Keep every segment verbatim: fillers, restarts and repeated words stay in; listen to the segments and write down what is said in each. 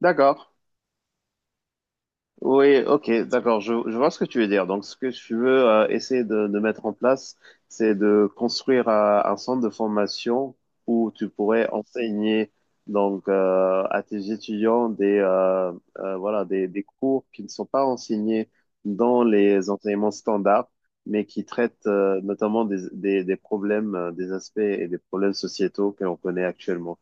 D'accord. Oui, ok, d'accord. Je, je vois ce que tu veux dire. Donc, ce que tu veux euh, essayer de, de mettre en place, c'est de construire euh, un centre de formation où tu pourrais enseigner donc euh, à tes étudiants des euh, euh, voilà des, des cours qui ne sont pas enseignés dans les enseignements standards, mais qui traitent euh, notamment des, des, des problèmes, euh, des aspects et des problèmes sociétaux que l'on connaît actuellement.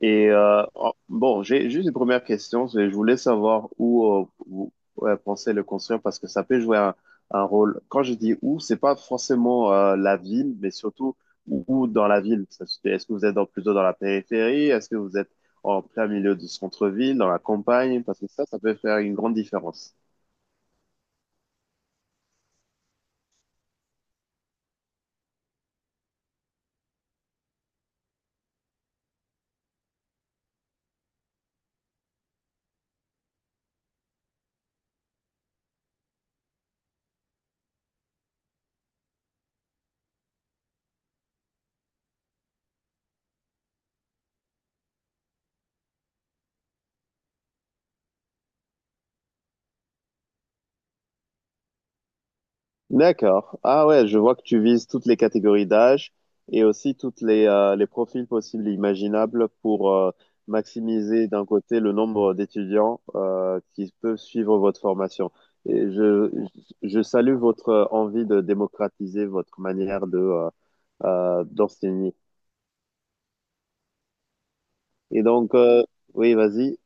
Et euh, en- bon, j'ai juste une première question. c'est- Je voulais savoir où euh, vous ouais, pensez le construire parce que ça peut jouer un, un rôle. Quand je dis où, c'est pas forcément euh, la ville, mais surtout où, où dans la ville. Ça se fait- Est-ce que vous êtes dans- plutôt dans la périphérie? Est-ce que vous êtes en plein milieu du centre-ville, dans la campagne? Parce que ça, ça peut faire une grande différence. D'accord. Ah ouais, je vois que tu vises toutes les catégories d'âge et aussi toutes les, euh, les profils possibles et imaginables pour euh, maximiser d'un côté le nombre d'étudiants euh, qui peuvent suivre votre formation. Et je, je salue votre envie de démocratiser votre manière de euh, euh, d'enseigner. Et donc, euh, oui, vas-y.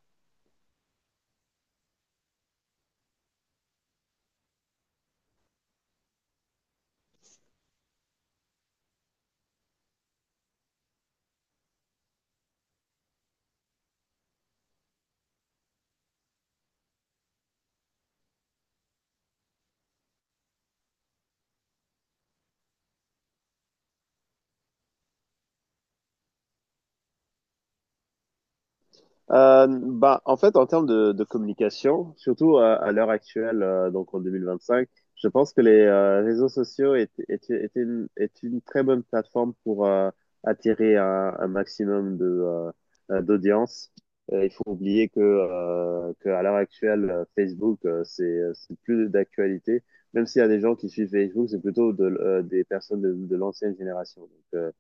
Euh, bah, en fait, en termes de, de communication, surtout à, à l'heure actuelle, euh, donc en deux mille vingt-cinq, je pense que les euh, réseaux sociaux est, est, est une, est une très bonne plateforme pour euh, attirer un, un maximum de euh, euh, d'audience. Euh, Il faut oublier que, euh, que l'heure actuelle, euh, Facebook, euh, c'est c'est plus d'actualité. Même s'il y a des gens qui suivent Facebook, c'est plutôt de, euh, des personnes de, de l'ancienne génération. Donc, euh,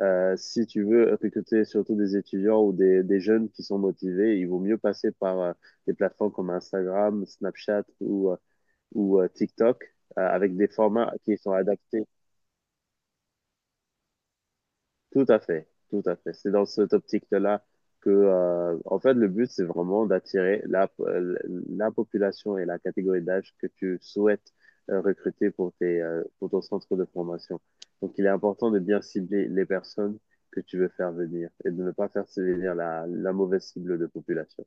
euh, si tu veux recruter surtout des étudiants ou des, des jeunes qui sont motivés, il vaut mieux passer par euh, des plateformes comme Instagram, Snapchat ou, euh, ou euh, TikTok euh, avec des formats qui sont adaptés. Tout à fait, tout à fait. C'est dans cette optique-là que, euh, en fait, le but, c'est vraiment d'attirer la, euh, la population et la catégorie d'âge que tu souhaites euh, recruter pour tes, euh, pour ton centre de formation. Donc, il est important de bien cibler les personnes que tu veux faire venir et de ne pas faire venir la, la mauvaise cible de population.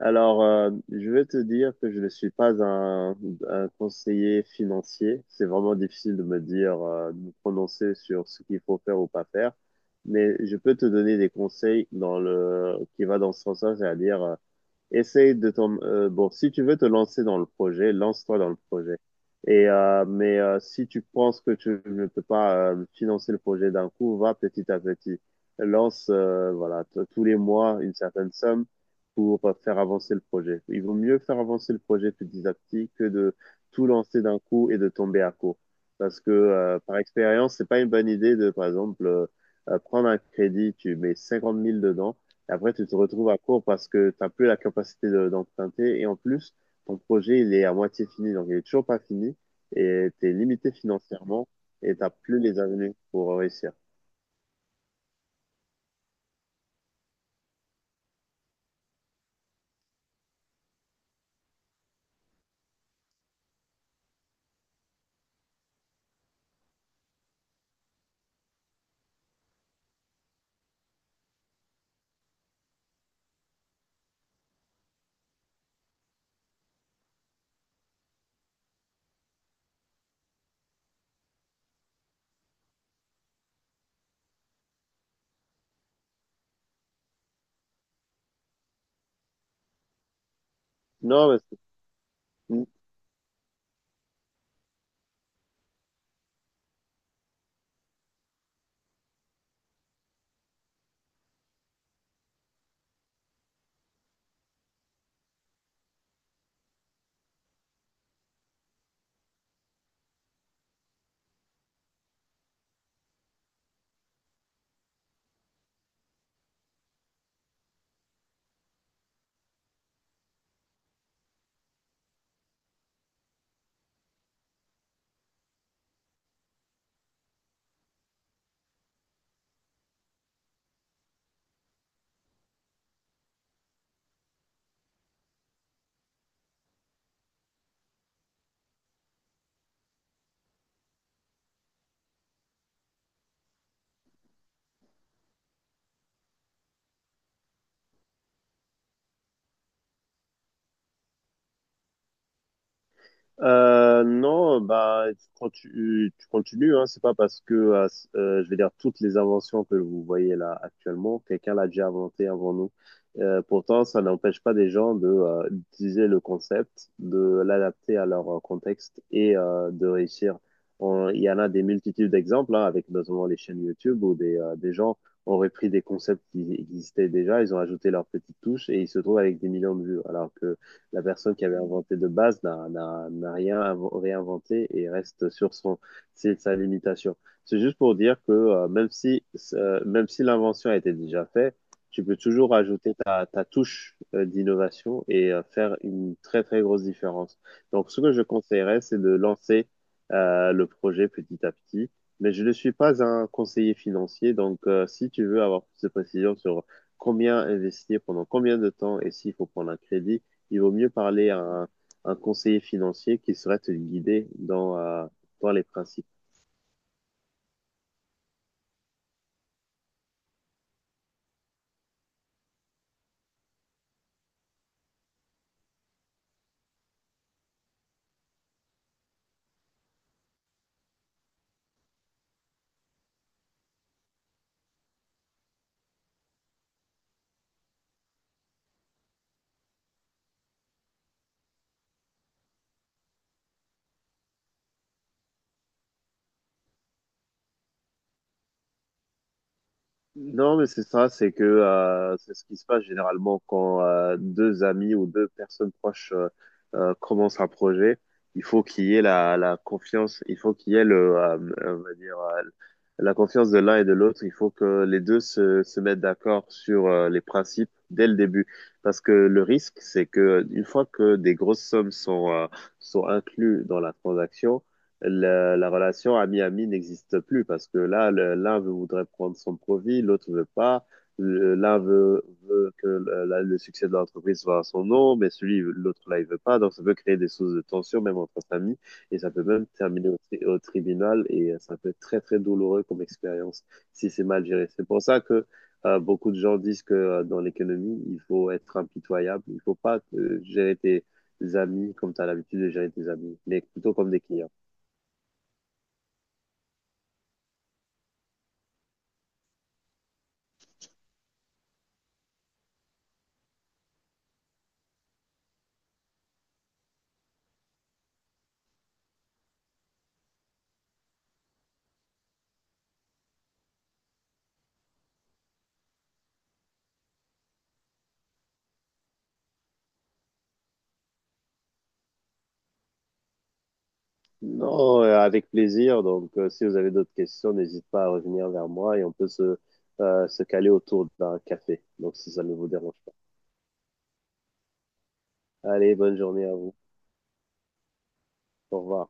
Alors, euh, je vais te dire que je ne suis pas un, un conseiller financier. C'est vraiment difficile de me dire, euh, de me prononcer sur ce qu'il faut faire ou pas faire. Mais je peux te donner des conseils dans le, qui va dans ce sens-là, c'est-à-dire euh, Essaye de ton... euh, bon, si tu veux te lancer dans le projet, lance-toi dans le projet. Et euh, mais euh, si tu penses que tu ne peux pas euh, financer le projet d'un coup, va petit à petit. Lance euh, voilà t- tous les mois une certaine somme pour euh, faire avancer le projet. Il vaut mieux faire avancer le projet petit à petit que de tout lancer d'un coup et de tomber à court. Parce que euh, par expérience, c'est pas une bonne idée de par exemple euh, euh, prendre un crédit, tu mets cinquante mille dedans après, tu te retrouves à court parce que tu n'as plus la capacité de- d'emprunter. Et en plus, ton projet, il est à moitié fini. Donc, il est toujours pas fini. Et tu es limité financièrement et tu n'as plus les avenues pour réussir. Non, mais c'est- Euh, non, bah, tu, contu- tu continues, hein. C'est pas parce que, euh, s- euh, je vais dire, toutes les inventions que vous voyez là actuellement, quelqu'un l'a déjà inventé avant nous. Euh, pourtant, ça n'empêche pas des gens de, euh, d'utiliser le concept, de l'adapter à leur euh, contexte et euh, de réussir. On- Il y en a des multitudes d'exemples, hein, avec notamment les chaînes YouTube où des, euh, des gens ont repris des concepts qui existaient déjà, ils ont ajouté leur petite touche et ils se trouvent avec des millions de vues. Alors que la personne qui avait inventé de base n'a- n'a n'a rien invo- réinventé et reste sur son, c'est sa limitation. C'est juste pour dire que euh, même si, euh, même si l'invention a été déjà faite, tu peux toujours ajouter ta, ta touche euh, d'innovation et euh, faire une très très grosse différence. Donc ce que je conseillerais, c'est de lancer euh, le projet petit à petit. Mais je ne suis pas un conseiller financier, donc euh, si tu veux avoir plus de précisions sur combien investir, pendant combien de temps et s'il faut prendre un crédit, il vaut mieux parler à un, un conseiller financier qui saurait te guider dans, euh, dans les principes. Non, mais c'est ça, c'est que euh, c'est ce qui se passe généralement quand euh, deux amis ou deux personnes proches euh, euh, commencent un projet. Il faut qu'il y ait la, la confiance, il faut qu'il y ait le, euh, euh, on va dire, euh, la confiance de l'un et de l'autre. Il faut que les deux se, se mettent d'accord sur euh, les principes dès le début. Parce que le risque, c'est que une fois que des grosses sommes sont, euh, sont incluses dans la transaction, la, la relation ami-ami n'existe plus parce que là, le- l'un veut- voudrait prendre son profit, l'autre veut pas. Le- L'un veut, veut que le, la- le succès de l'entreprise soit à son nom, mais celui, l'autre là, il veut pas. Donc, ça peut créer des sources de tension, même entre familles, et ça peut même terminer au, tri- au tribunal, et euh, ça peut être très, très douloureux comme expérience si c'est mal géré. C'est pour ça que euh, beaucoup de gens disent que euh, dans l'économie, il faut être impitoyable, il faut pas euh, gérer tes amis comme tu as l'habitude de gérer tes amis, mais plutôt comme des clients. Non, euh, avec plaisir. Donc, euh, si vous avez d'autres questions, n'hésitez pas à revenir vers moi et on peut se, euh, se caler autour d'un café. Donc, si ça ne vous dérange pas. Allez, bonne journée à vous. Au revoir.